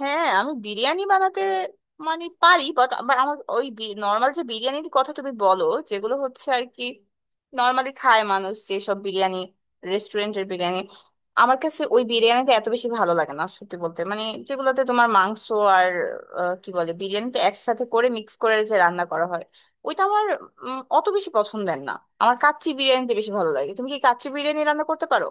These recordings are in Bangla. হ্যাঁ, আমি বিরিয়ানি বানাতে মানে পারি, বাট আমার ওই নর্মাল যে বিরিয়ানির কথা তুমি বলো, যেগুলো হচ্ছে আর কি নর্মালি খায় মানুষ, যেসব বিরিয়ানি রেস্টুরেন্টের বিরিয়ানি, আমার কাছে ওই বিরিয়ানিটা এত বেশি ভালো লাগে না সত্যি বলতে, মানে যেগুলোতে তোমার মাংস আর কি বলে বিরিয়ানিটা একসাথে করে মিক্স করে যে রান্না করা হয়, ওইটা আমার অত বেশি পছন্দের না। আমার কাচ্চি বিরিয়ানিটা বেশি ভালো লাগে। তুমি কি কাচ্চি বিরিয়ানি রান্না করতে পারো?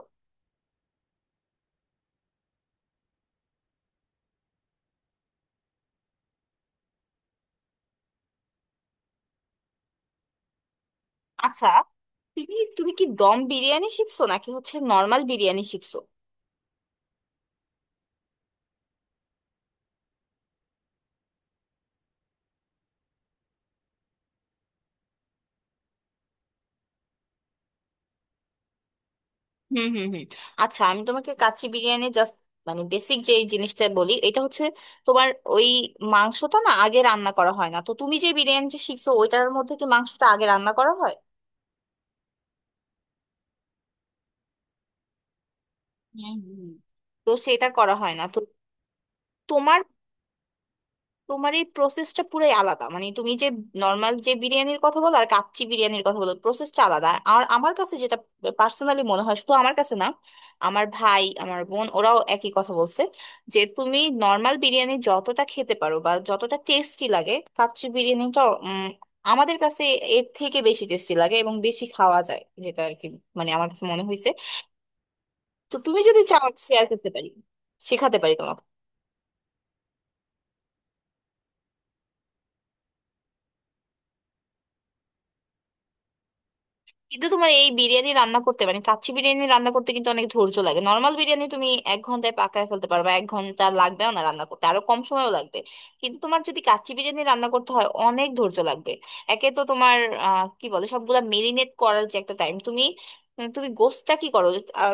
আচ্ছা, তুমি তুমি কি দম বিরিয়ানি শিখছো নাকি হচ্ছে নর্মাল বিরিয়ানি শিখছো? হুম হুম হুম। আচ্ছা, আমি তোমাকে কাচ্চি বিরিয়ানি জাস্ট মানে বেসিক যে এই জিনিসটা বলি, এটা হচ্ছে তোমার ওই মাংসটা না আগে রান্না করা হয় না। তো তুমি যে বিরিয়ানিটা শিখছো ওইটার মধ্যে কি মাংসটা আগে রান্না করা হয়? হুম হুম হুম। তো সেটা করা হয় না তো। তোমার তোমার এই প্রসেসটা পুরাই আলাদা। মানে তুমি যে নর্মাল যে বিরিয়ানির কথা বলো আর কাচ্চি বিরিয়ানির কথা বলো, প্রসেসটা আলাদা। আর আমার কাছে যেটা পার্সোনালি মনে হয়, শুধু আমার কাছে না, আমার ভাই আমার বোন ওরাও একই কথা বলছে যে তুমি নর্মাল বিরিয়ানি যতটা খেতে পারো বা যতটা টেস্টি লাগে, কাচ্চি বিরিয়ানিটা আমাদের কাছে এর থেকে বেশি টেস্টি লাগে এবং বেশি খাওয়া যায় যেটা আর কি। মানে আমার কাছে মনে হয়েছে। তো তুমি যদি চাও, শেয়ার করতে পারি, শেখাতে পারি তোমাকে। কিন্তু তোমার এই বিরিয়ানি রান্না করতে মানে কাচ্চি বিরিয়ানি রান্না করতে কিন্তু অনেক ধৈর্য লাগে। নর্মাল বিরিয়ানি তুমি 1 ঘন্টায় পাকায় ফেলতে পারবে, 1 ঘন্টা লাগবেও না, রান্না করতে আরো কম সময়ও লাগবে। কিন্তু তোমার যদি কাচ্চি বিরিয়ানি রান্না করতে হয় অনেক ধৈর্য লাগবে। একে তো তোমার কি বলে সবগুলা মেরিনেট করার যে একটা টাইম, তুমি তুমি গোশটা কি করো?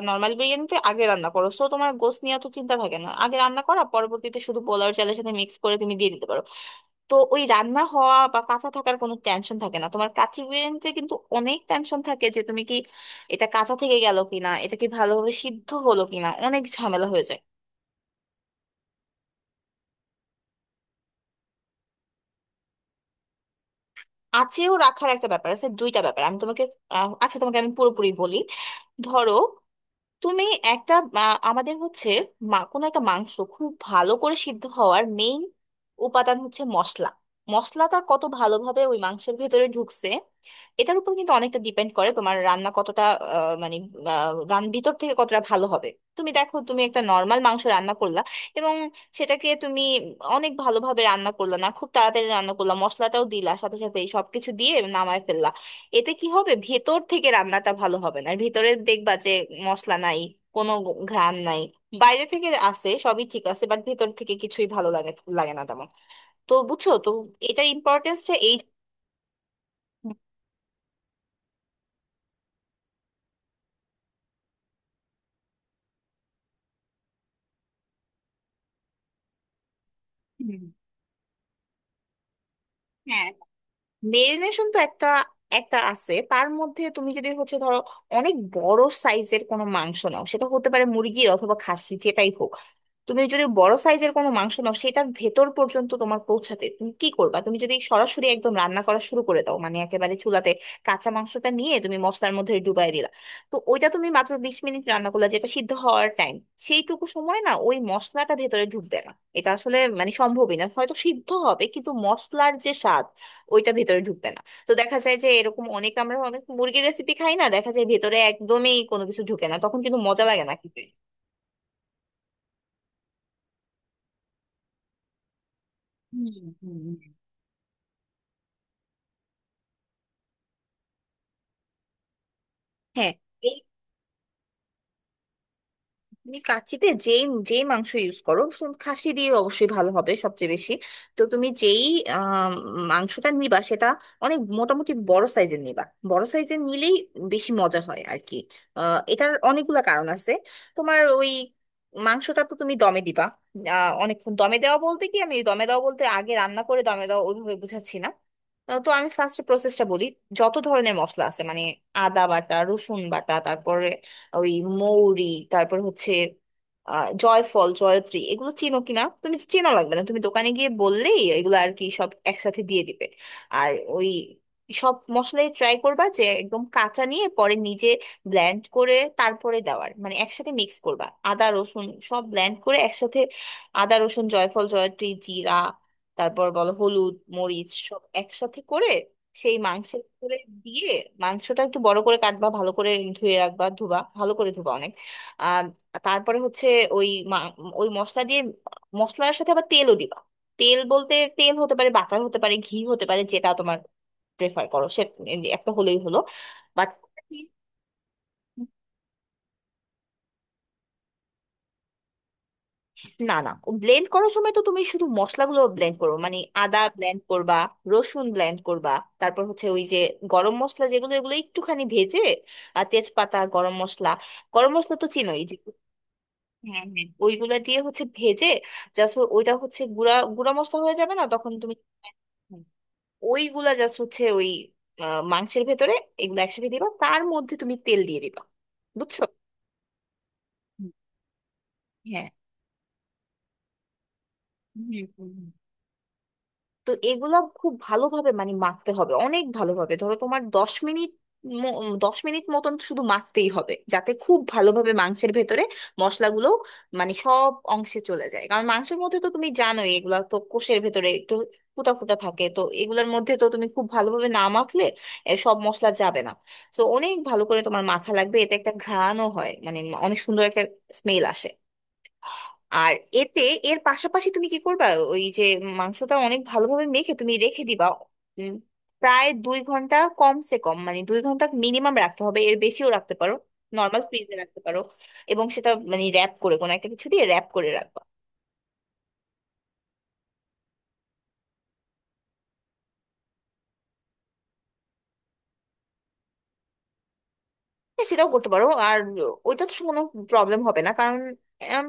নর্মাল বিরিয়ানিতে আগে রান্না করো, সো তোমার গোশ নিয়ে তো চিন্তা থাকে না, আগে রান্না করা, পরবর্তীতে শুধু পোলাও চালের সাথে মিক্স করে তুমি দিয়ে দিতে পারো। তো ওই রান্না হওয়া বা কাঁচা থাকার কোনো টেনশন থাকে না। তোমার কাচ্চি বিরিয়ানিতে কিন্তু অনেক টেনশন থাকে যে তুমি কি এটা কাঁচা থেকে গেল কিনা, এটা কি ভালোভাবে সিদ্ধ হলো কিনা, অনেক ঝামেলা হয়ে যায়। আছেও রাখার একটা ব্যাপার আছে। দুইটা ব্যাপার আমি তোমাকে আচ্ছা, তোমাকে আমি পুরোপুরি বলি। ধরো, তুমি একটা আমাদের হচ্ছে কোনো একটা মাংস খুব ভালো করে সিদ্ধ হওয়ার মেইন উপাদান হচ্ছে মশলা। মশলাটা কত ভালোভাবে ওই মাংসের ভেতরে ঢুকছে এটার উপর কিন্তু অনেকটা ডিপেন্ড করে তোমার রান্না কতটা মানে রান ভিতর থেকে কতটা ভালো হবে। তুমি দেখো, তুমি একটা নর্মাল মাংস রান্না করলা এবং সেটাকে তুমি অনেক ভালোভাবে রান্না করলা না, খুব তাড়াতাড়ি রান্না করলা, মশলাটাও দিলা সাথে সাথে, এই সবকিছু দিয়ে নামায় ফেললা। এতে কি হবে, ভেতর থেকে রান্নাটা ভালো হবে না, ভেতরে দেখবা যে মশলা নাই, কোনো ঘ্রাণ নাই, বাইরে থেকে আসে সবই ঠিক আছে বাট ভেতর থেকে কিছুই ভালো লাগে লাগে না তেমন। তো বুঝছো তো এটার ইম্পর্টেন্সটা এই। হুম, হ্যাঁ। মেরিনেশন তো একটা একটা আছে। তার মধ্যে তুমি যদি হচ্ছে ধরো অনেক বড় সাইজের কোনো মাংস নাও, সেটা হতে পারে মুরগির অথবা খাসি, যেটাই হোক, তুমি যদি বড় সাইজের কোনো মাংস নাও সেটার ভেতর পর্যন্ত তোমার পৌঁছাতে তুমি কি করবা, তুমি যদি সরাসরি একদম রান্না করা শুরু করে দাও মানে একেবারে চুলাতে কাঁচা মাংসটা নিয়ে তুমি মশলার মধ্যে ডুবাই দিলা, তো ওইটা তুমি মাত্র 20 মিনিট রান্না করলা, যেটা সিদ্ধ হওয়ার টাইম, সেইটুকু সময় না ওই মশলাটা ভেতরে ঢুকবে না। এটা আসলে মানে সম্ভবই না, হয়তো সিদ্ধ হবে কিন্তু মশলার যে স্বাদ ওইটা ভেতরে ঢুকবে না। তো দেখা যায় যে এরকম অনেক, আমরা অনেক মুরগির রেসিপি খাই না, দেখা যায় ভেতরে একদমই কোনো কিছু ঢুকে না, তখন কিন্তু মজা লাগে না খেতে। হুম হুম। হ্যাঁ, তুমি কাচ্চিতে যেই যেই মাংস ইউজ করো, খাসি দিয়ে অবশ্যই ভালো হবে সবচেয়ে বেশি। তো তুমি যেই আম, মাংসটা নিবা সেটা অনেক মোটামুটি বড় সাইজের নিবা। বড় সাইজের নিলেই বেশি মজা হয় আর কি। এটার অনেকগুলা কারণ আছে। তোমার ওই মাংসটা তো তুমি দমে দিবা। অনেকক্ষণ দমে দেওয়া বলতে কি, আমি দমে দেওয়া বলতে আগে রান্না করে দমে দেওয়া ওইভাবে বুঝাচ্ছি না। তো আমি ফার্স্ট প্রসেসটা বলি। যত ধরনের মশলা আছে মানে আদা বাটা, রসুন বাটা, তারপরে ওই মৌরি, তারপর হচ্ছে জয়ফল জয়ত্রী, এগুলো চিনো কিনা, তুমি চেনা লাগবে না, তুমি দোকানে গিয়ে বললেই এগুলো আর কি সব একসাথে দিয়ে দিবে। আর ওই সব মশলাই ট্রাই করবা যে একদম কাঁচা নিয়ে পরে নিজে ব্লেন্ড করে তারপরে দেওয়ার মানে একসাথে মিক্স করবা। আদা রসুন সব ব্লেন্ড করে একসাথে, আদা রসুন জয়ফল জয়ত্রী জিরা, তারপর বলো হলুদ মরিচ, সব একসাথে করে সেই মাংসের করে দিয়ে মাংসটা একটু বড় করে কাটবা, ভালো করে ধুয়ে রাখবা, ধুবা ভালো করে, ধুবা অনেক। আর তারপরে হচ্ছে ওই মা- ওই মশলা দিয়ে মশলার সাথে আবার তেলও দিবা। তেল বলতে তেল হতে পারে, বাটার হতে পারে, ঘি হতে পারে, যেটা তোমার প্রেফার করো সে একটা হলেই হলো। বাট না না, ব্লেন্ড করার সময় তো তুমি শুধু মশলাগুলো ব্লেন্ড করবে, মানে আদা ব্লেন্ড করবা, রসুন ব্লেন্ড করবা। তারপর হচ্ছে ওই যে গরম মশলা যেগুলো, এগুলো একটুখানি ভেজে আর তেজপাতা গরম মশলা, গরম মশলা তো চিনোই যে। হ্যাঁ হ্যাঁ ওইগুলা দিয়ে হচ্ছে ভেজে, জাস্ট ওইটা হচ্ছে গুঁড়া গুঁড়া মশলা হয়ে যাবে না, তখন তুমি হ্যাঁ, ওইগুলা জাস্ট হচ্ছে ওই মাংসের ভেতরে এগুলো একসাথে দিবা, তার মধ্যে তুমি তেল দিয়ে দিবা। বুঝছো? হুম। হ্যাঁ। হুম, হুম, হুম। তো এগুলো খুব ভালোভাবে মানে মাখতে হবে, অনেক ভালোভাবে, ধরো তোমার 10 মিনিট, 10 মিনিট মতন শুধু মাখতেই হবে যাতে খুব ভালোভাবে মাংসের ভেতরে মশলাগুলো মানে সব অংশে চলে যায়, কারণ মাংসের মধ্যে তো তুমি জানোই এগুলা তো কোষের ভেতরে একটু ফুটা ফুটা থাকে, তো এগুলোর মধ্যে তো তুমি খুব ভালোভাবে না মাখলে সব মশলা যাবে না। তো অনেক ভালো করে তোমার মাখা লাগবে। এতে একটা ঘ্রাণও হয় মানে অনেক সুন্দর একটা স্মেল আসে। আর এতে এর পাশাপাশি তুমি কি করবা, ওই যে মাংসটা অনেক ভালোভাবে মেখে তুমি রেখে দিবা উম, প্রায় 2 ঘন্টা, কমসে কম মানে 2 ঘন্টা মিনিমাম রাখতে হবে, এর বেশিও রাখতে পারো। নর্মাল ফ্রিজে রাখতে পারো, এবং সেটা মানে র্যাপ করে, কোনো একটা কিছু দিয়ে র্যাপ করে রাখবে। হ্যাঁ, সেটাও করতে পারো। আর ওইটা তো কোনো প্রবলেম হবে না কারণ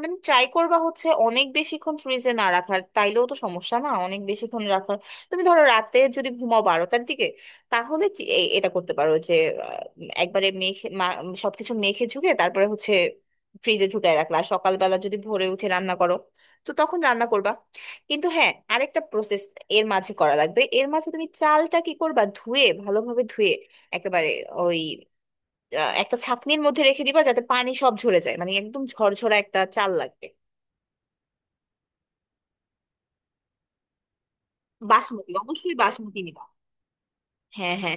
মানে ট্রাই করবা হচ্ছে অনেক বেশিক্ষণ ফ্রিজে না রাখার, তাইলেও তো সমস্যা না অনেক বেশিক্ষণ রাখার। তুমি ধরো রাতে যদি ঘুমাও 12টার দিকে, তাহলে এটা করতে পারো যে আহ, একবারে মেখে সবকিছু মেখে ঝুঁকে তারপরে হচ্ছে ফ্রিজে ঢুকায় রাখলা, আর সকালবেলা যদি ভোরে উঠে রান্না করো তো তখন রান্না করবা। কিন্তু হ্যাঁ, আরেকটা প্রসেস এর মাঝে করা লাগবে। এর মাঝে তুমি চালটা কি করবা, ধুয়ে ভালোভাবে ধুয়ে একেবারে ওই একটা ছাঁকনির মধ্যে রেখে দিবা যাতে পানি সব ঝরে যায়, মানে একদম ঝরঝরা একটা চাল লাগবে। বাসমতি, অবশ্যই বাসমতি নিবা। হ্যাঁ হ্যাঁ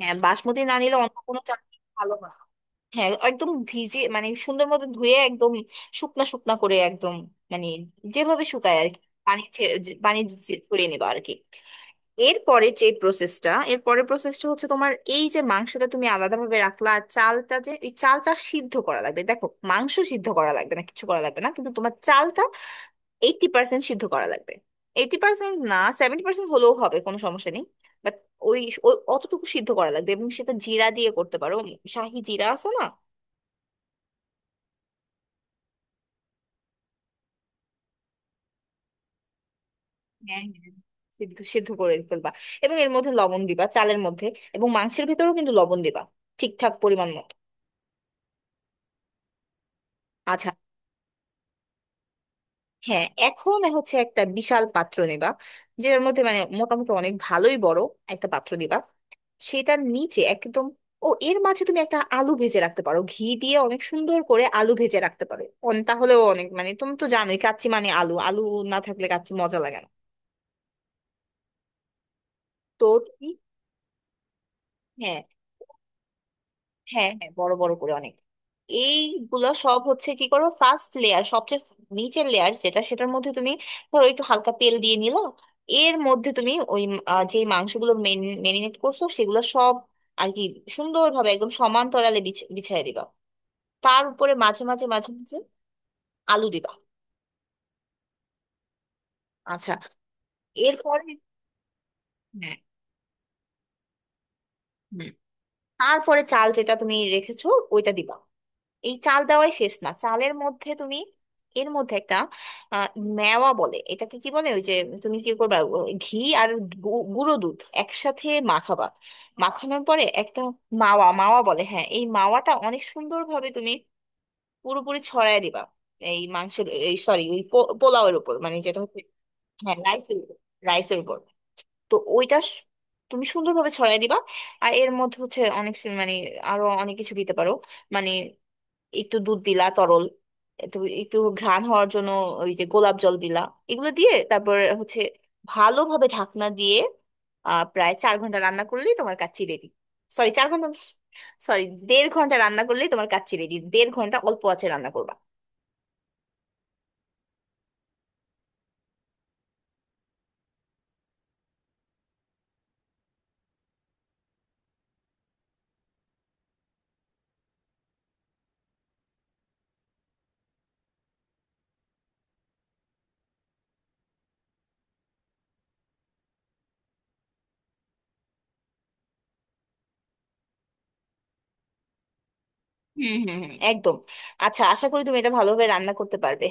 হ্যাঁ বাসমতি না নিলে অন্য কোনো চাল ভালো না। হ্যাঁ, একদম ভিজে মানে সুন্দর মতো ধুয়ে একদম শুকনা শুকনা করে একদম, মানে যেভাবে শুকায় আর কি, পানি ছড়িয়ে নিবা আর কি। এরপরে যে প্রসেসটা, এরপরে প্রসেসটা হচ্ছে তোমার এই যে মাংসটা তুমি আলাদাভাবে রাখলা, আর চালটা যে, এই চালটা সিদ্ধ করা লাগবে। দেখো, মাংস সিদ্ধ করা লাগবে না, কিছু করা লাগবে না, কিন্তু তোমার চালটা 80% সিদ্ধ করা লাগবে। 80% না, 70% হলেও হবে, কোনো সমস্যা নেই। বাট ওই ওই অতটুকু সিদ্ধ করা লাগবে, এবং সেটা জিরা দিয়ে করতে পারো। শাহি জিরা আছে না? হ্যাঁ হ্যাঁ, সিদ্ধ সিদ্ধ করে ফেলবা। এবং এর মধ্যে লবণ দিবা চালের মধ্যে, এবং মাংসের ভেতরেও কিন্তু লবণ দিবা ঠিকঠাক পরিমাণ মতো। আচ্ছা। হ্যাঁ, এখন হচ্ছে একটা বিশাল পাত্র নেবা, যেটার মধ্যে মানে মোটামুটি অনেক ভালোই বড় একটা পাত্র দিবা। সেটার নিচে একদম ও, এর মাঝে তুমি একটা আলু ভেজে রাখতে পারো ঘি দিয়ে, অনেক সুন্দর করে আলু ভেজে রাখতে পারো। তাহলেও অনেক, মানে তুমি তো জানোই কাচ্চি মানে আলু, আলু না থাকলে কাচ্চি মজা লাগে না। তো তুমি হ্যাঁ হ্যাঁ হ্যাঁ বড় বড় করে অনেক, এইগুলো সব হচ্ছে কি করো ফার্স্ট লেয়ার, সবচেয়ে নিচের লেয়ার যেটা, সেটার মধ্যে তুমি ধরো একটু হালকা তেল দিয়ে নিলো। এর মধ্যে তুমি ওই যে মাংসগুলো মেরিনেট করছো সেগুলো সব আর কি সুন্দরভাবে একদম সমান্তরালে বিছিয়ে দিবা। তার উপরে মাঝে মাঝে আলু দিবা। আচ্ছা। এরপরে হ্যাঁ। হুম। তারপরে চাল যেটা তুমি রেখেছো ওইটা দিবা। এই চাল দেওয়াই শেষ না, চালের মধ্যে তুমি এর মধ্যে একটা আহ, মেওয়া বলে এটাকে, কি বলে ওই যে, তুমি কি করবা, ও, ঘি আর গুঁড়ো দুধ একসাথে মাখাবা। মাখানোর পরে একটা মাওয়া, মাওয়া বলে হ্যাঁ, এই মাওয়াটা অনেক সুন্দরভাবে তুমি পুরোপুরি ছড়ায় দিবা এই মাংসের, এই সরি ওই পোলাওয়ের উপর, মানে যেটা হচ্ছে হ্যাঁ রাইসের উপর, রাইসের উপর। তো ওইটা তুমি সুন্দরভাবে ছড়াই দিবা। আর এর মধ্যে হচ্ছে অনেক মানে আরো অনেক কিছু দিতে পারো, মানে একটু দুধ দিলা তরল, একটু একটু ঘ্রাণ হওয়ার জন্য ওই যে গোলাপ জল দিলা, এগুলো দিয়ে তারপর হচ্ছে ভালোভাবে ঢাকনা দিয়ে প্রায় 4 ঘন্টা রান্না করলেই তোমার কাচ্চি রেডি। সরি, 4 ঘন্টা, সরি, দেড় ঘন্টা রান্না করলেই তোমার কাচ্চি রেডি। দেড় ঘন্টা অল্প আছে রান্না করবা। হুম হুম হুম, একদম। আচ্ছা, আশা করি তুমি এটা ভালোভাবে রান্না করতে পারবে।